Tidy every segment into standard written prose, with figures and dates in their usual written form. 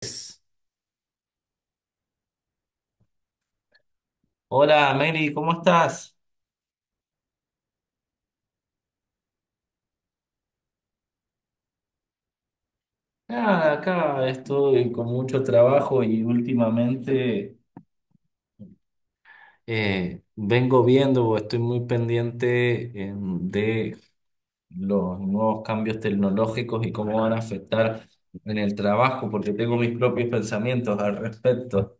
Pues, hola Mary, ¿cómo estás? Nada, acá estoy con mucho trabajo y últimamente vengo viendo o estoy muy pendiente de los nuevos cambios tecnológicos y cómo van a afectar en el trabajo, porque tengo mis propios pensamientos al respecto.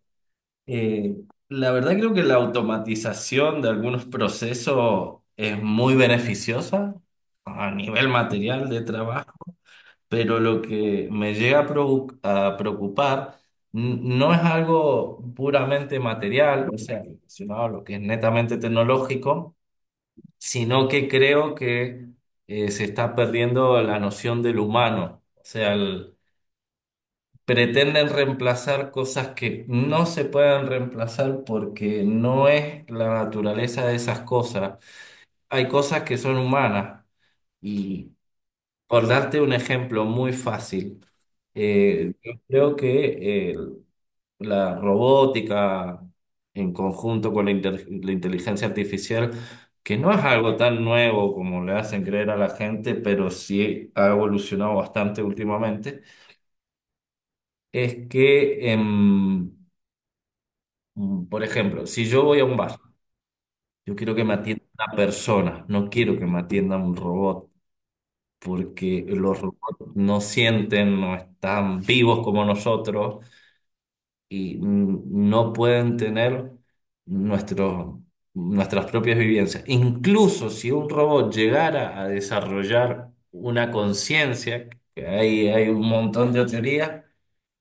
Eh, la verdad creo que la automatización de algunos procesos es muy beneficiosa a nivel material de trabajo. Pero lo que me llega a a preocupar, no es algo puramente material, o sea, relacionado a lo que es netamente tecnológico, sino que creo que se está perdiendo la noción del humano, o sea, pretenden reemplazar cosas que no se pueden reemplazar porque no es la naturaleza de esas cosas. Hay cosas que son humanas. Por darte un ejemplo muy fácil, yo creo que la robótica en conjunto con la inteligencia artificial, que no es algo tan nuevo como le hacen creer a la gente, pero sí ha evolucionado bastante últimamente, es que, por ejemplo, si yo voy a un bar, yo quiero que me atienda una persona, no quiero que me atienda un robot, porque los robots no sienten, no están vivos como nosotros y no pueden tener nuestros nuestras propias vivencias. Incluso si un robot llegara a desarrollar una conciencia, que hay un montón de teorías,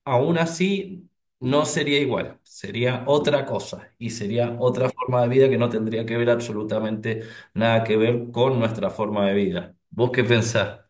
aún así no sería igual, sería otra cosa y sería otra forma de vida que no tendría que ver absolutamente nada que ver con nuestra forma de vida. ¿Vos qué pensás?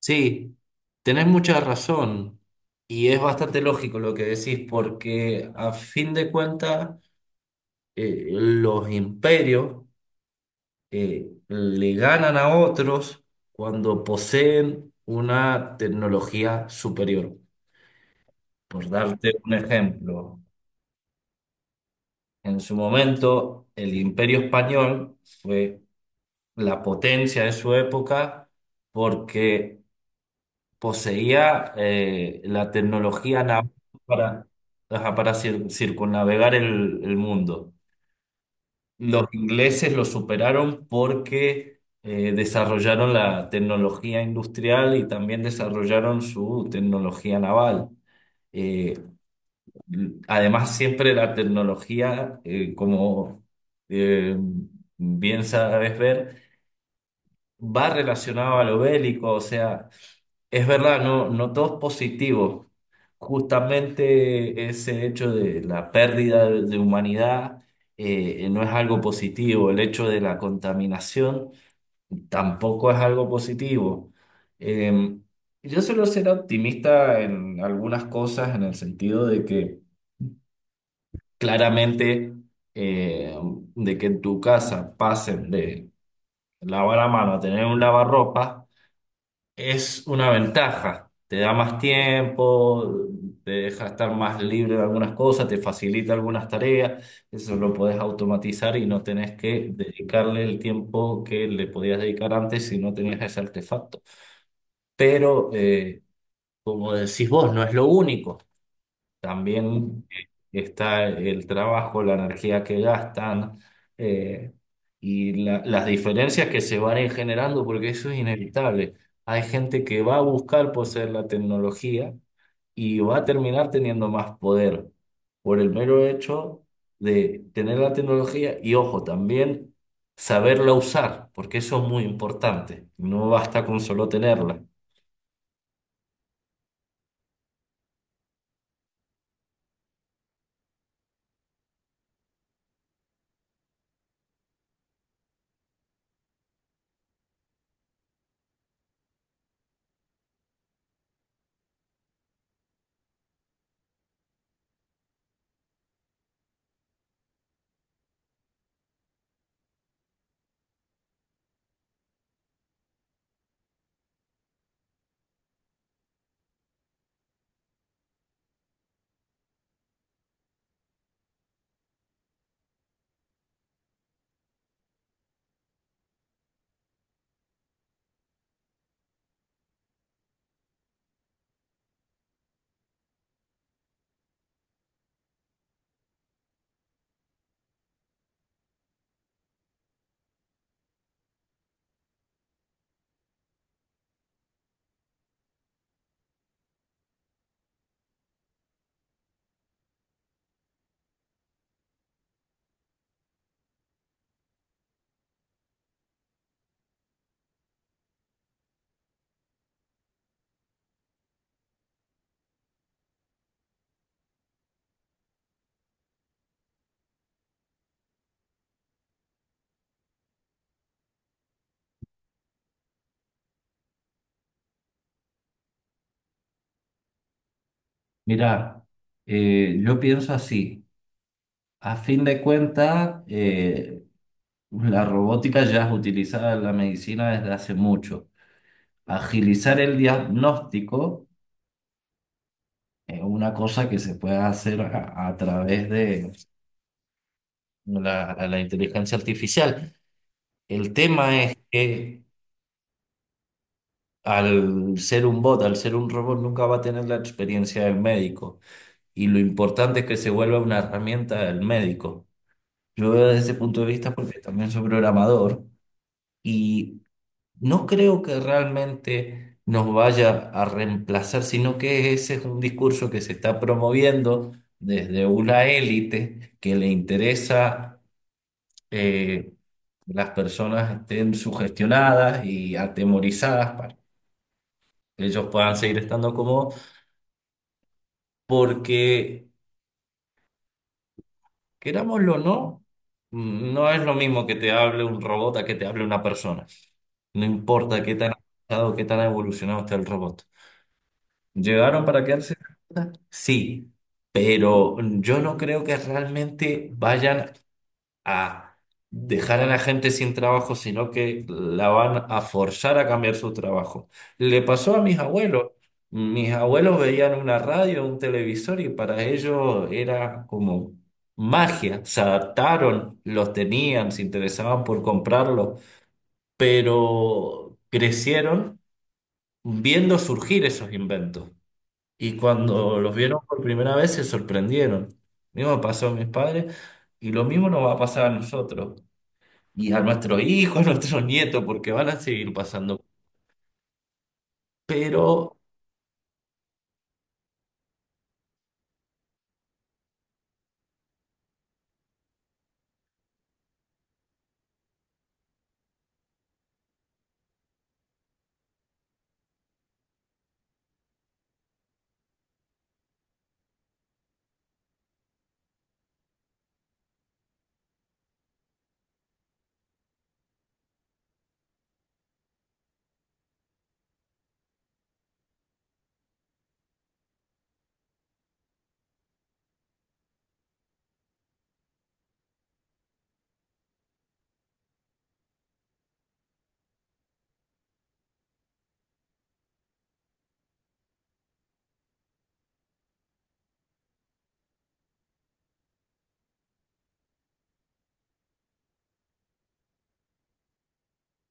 Sí, tenés mucha razón y es bastante lógico lo que decís porque a fin de cuentas los imperios le ganan a otros cuando poseen una tecnología superior. Por darte un ejemplo, en su momento el imperio español fue la potencia de su época porque poseía la tecnología naval para, ajá, para circunnavegar el mundo. Los ingleses lo superaron porque desarrollaron la tecnología industrial y también desarrollaron su tecnología naval. Eh, además, siempre la tecnología, como eh, bien sabes ver, va relacionado a lo bélico, o sea, es verdad, no, no todo es positivo. Justamente ese hecho de la pérdida de humanidad no es algo positivo, el hecho de la contaminación tampoco es algo positivo. Eh, yo suelo ser optimista en algunas cosas, en el sentido de que claramente eh, de que en tu casa pasen de lavar a mano a tener un lavarropa. Es una ventaja, te da más tiempo, te deja estar más libre de algunas cosas, te facilita algunas tareas, eso lo podés automatizar y no tenés que dedicarle el tiempo que le podías dedicar antes si no tenías ese artefacto. Pero, como decís vos, no es lo único. También está el trabajo, la energía que gastan eh, y las diferencias que se van a ir generando, porque eso es inevitable. Hay gente que va a buscar poseer la tecnología y va a terminar teniendo más poder por el mero hecho de tener la tecnología y, ojo, también saberla usar, porque eso es muy importante. No basta con solo tenerla. Mira, yo pienso así. A fin de cuentas, la robótica ya es utilizada en la medicina desde hace mucho. Agilizar el diagnóstico es una cosa que se puede hacer a través de la inteligencia artificial. El tema es que al ser un bot, al ser un robot, nunca va a tener la experiencia del médico. Y lo importante es que se vuelva una herramienta del médico. Yo veo desde ese punto de vista porque también soy programador. Y no creo que realmente nos vaya a reemplazar, sino que ese es un discurso que se está promoviendo desde una élite que le interesa eh, las personas estén sugestionadas y atemorizadas para que ellos puedan seguir estando cómodos, porque querámoslo o no, no es lo mismo que te hable un robot a que te hable una persona. No importa qué tan avanzado, qué tan evolucionado esté el robot. ¿Llegaron para quedarse? Sí, pero yo no creo que realmente vayan a dejar a la gente sin trabajo, sino que la van a forzar a cambiar su trabajo. Le pasó a mis abuelos. Mis abuelos veían una radio, un televisor y para ellos era como magia. Se adaptaron, los tenían, se interesaban por comprarlos, pero crecieron viendo surgir esos inventos. Y cuando los vieron por primera vez se sorprendieron. Lo mismo pasó a mis padres y lo mismo nos va a pasar a nosotros y a nuestros hijos, a nuestros nietos, porque van a seguir pasando. Pero,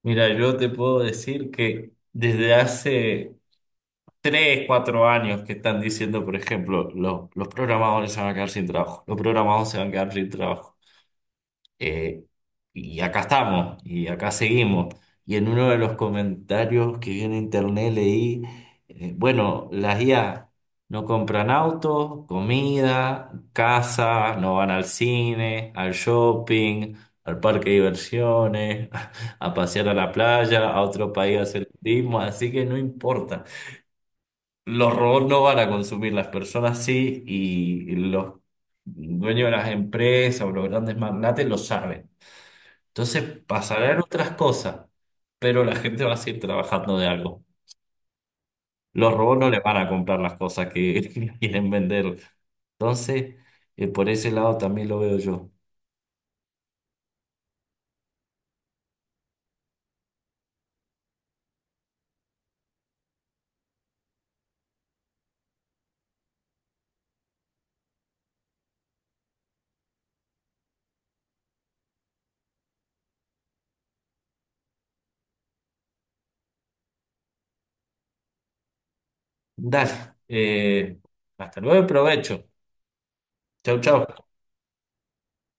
mira, yo te puedo decir que desde hace 3 4 años que están diciendo, por ejemplo, los programadores se van a quedar sin trabajo, los programadores se van a quedar sin trabajo. Eh, y acá estamos, y acá seguimos. Y en uno de los comentarios que vi en internet leí, bueno, las IA no compran autos, comida, casa, no van al cine, al shopping, al parque de diversiones, a pasear a la playa, a otro país a hacer turismo, así que no importa. Los robots no van a consumir, las personas sí, y los dueños de las empresas o los grandes magnates lo saben. Entonces pasarán otras cosas, pero la gente va a seguir trabajando de algo. Los robots no le van a comprar las cosas que quieren vender. Entonces, por ese lado también lo veo yo. Dale, eh, hasta luego y provecho. Chau, chau.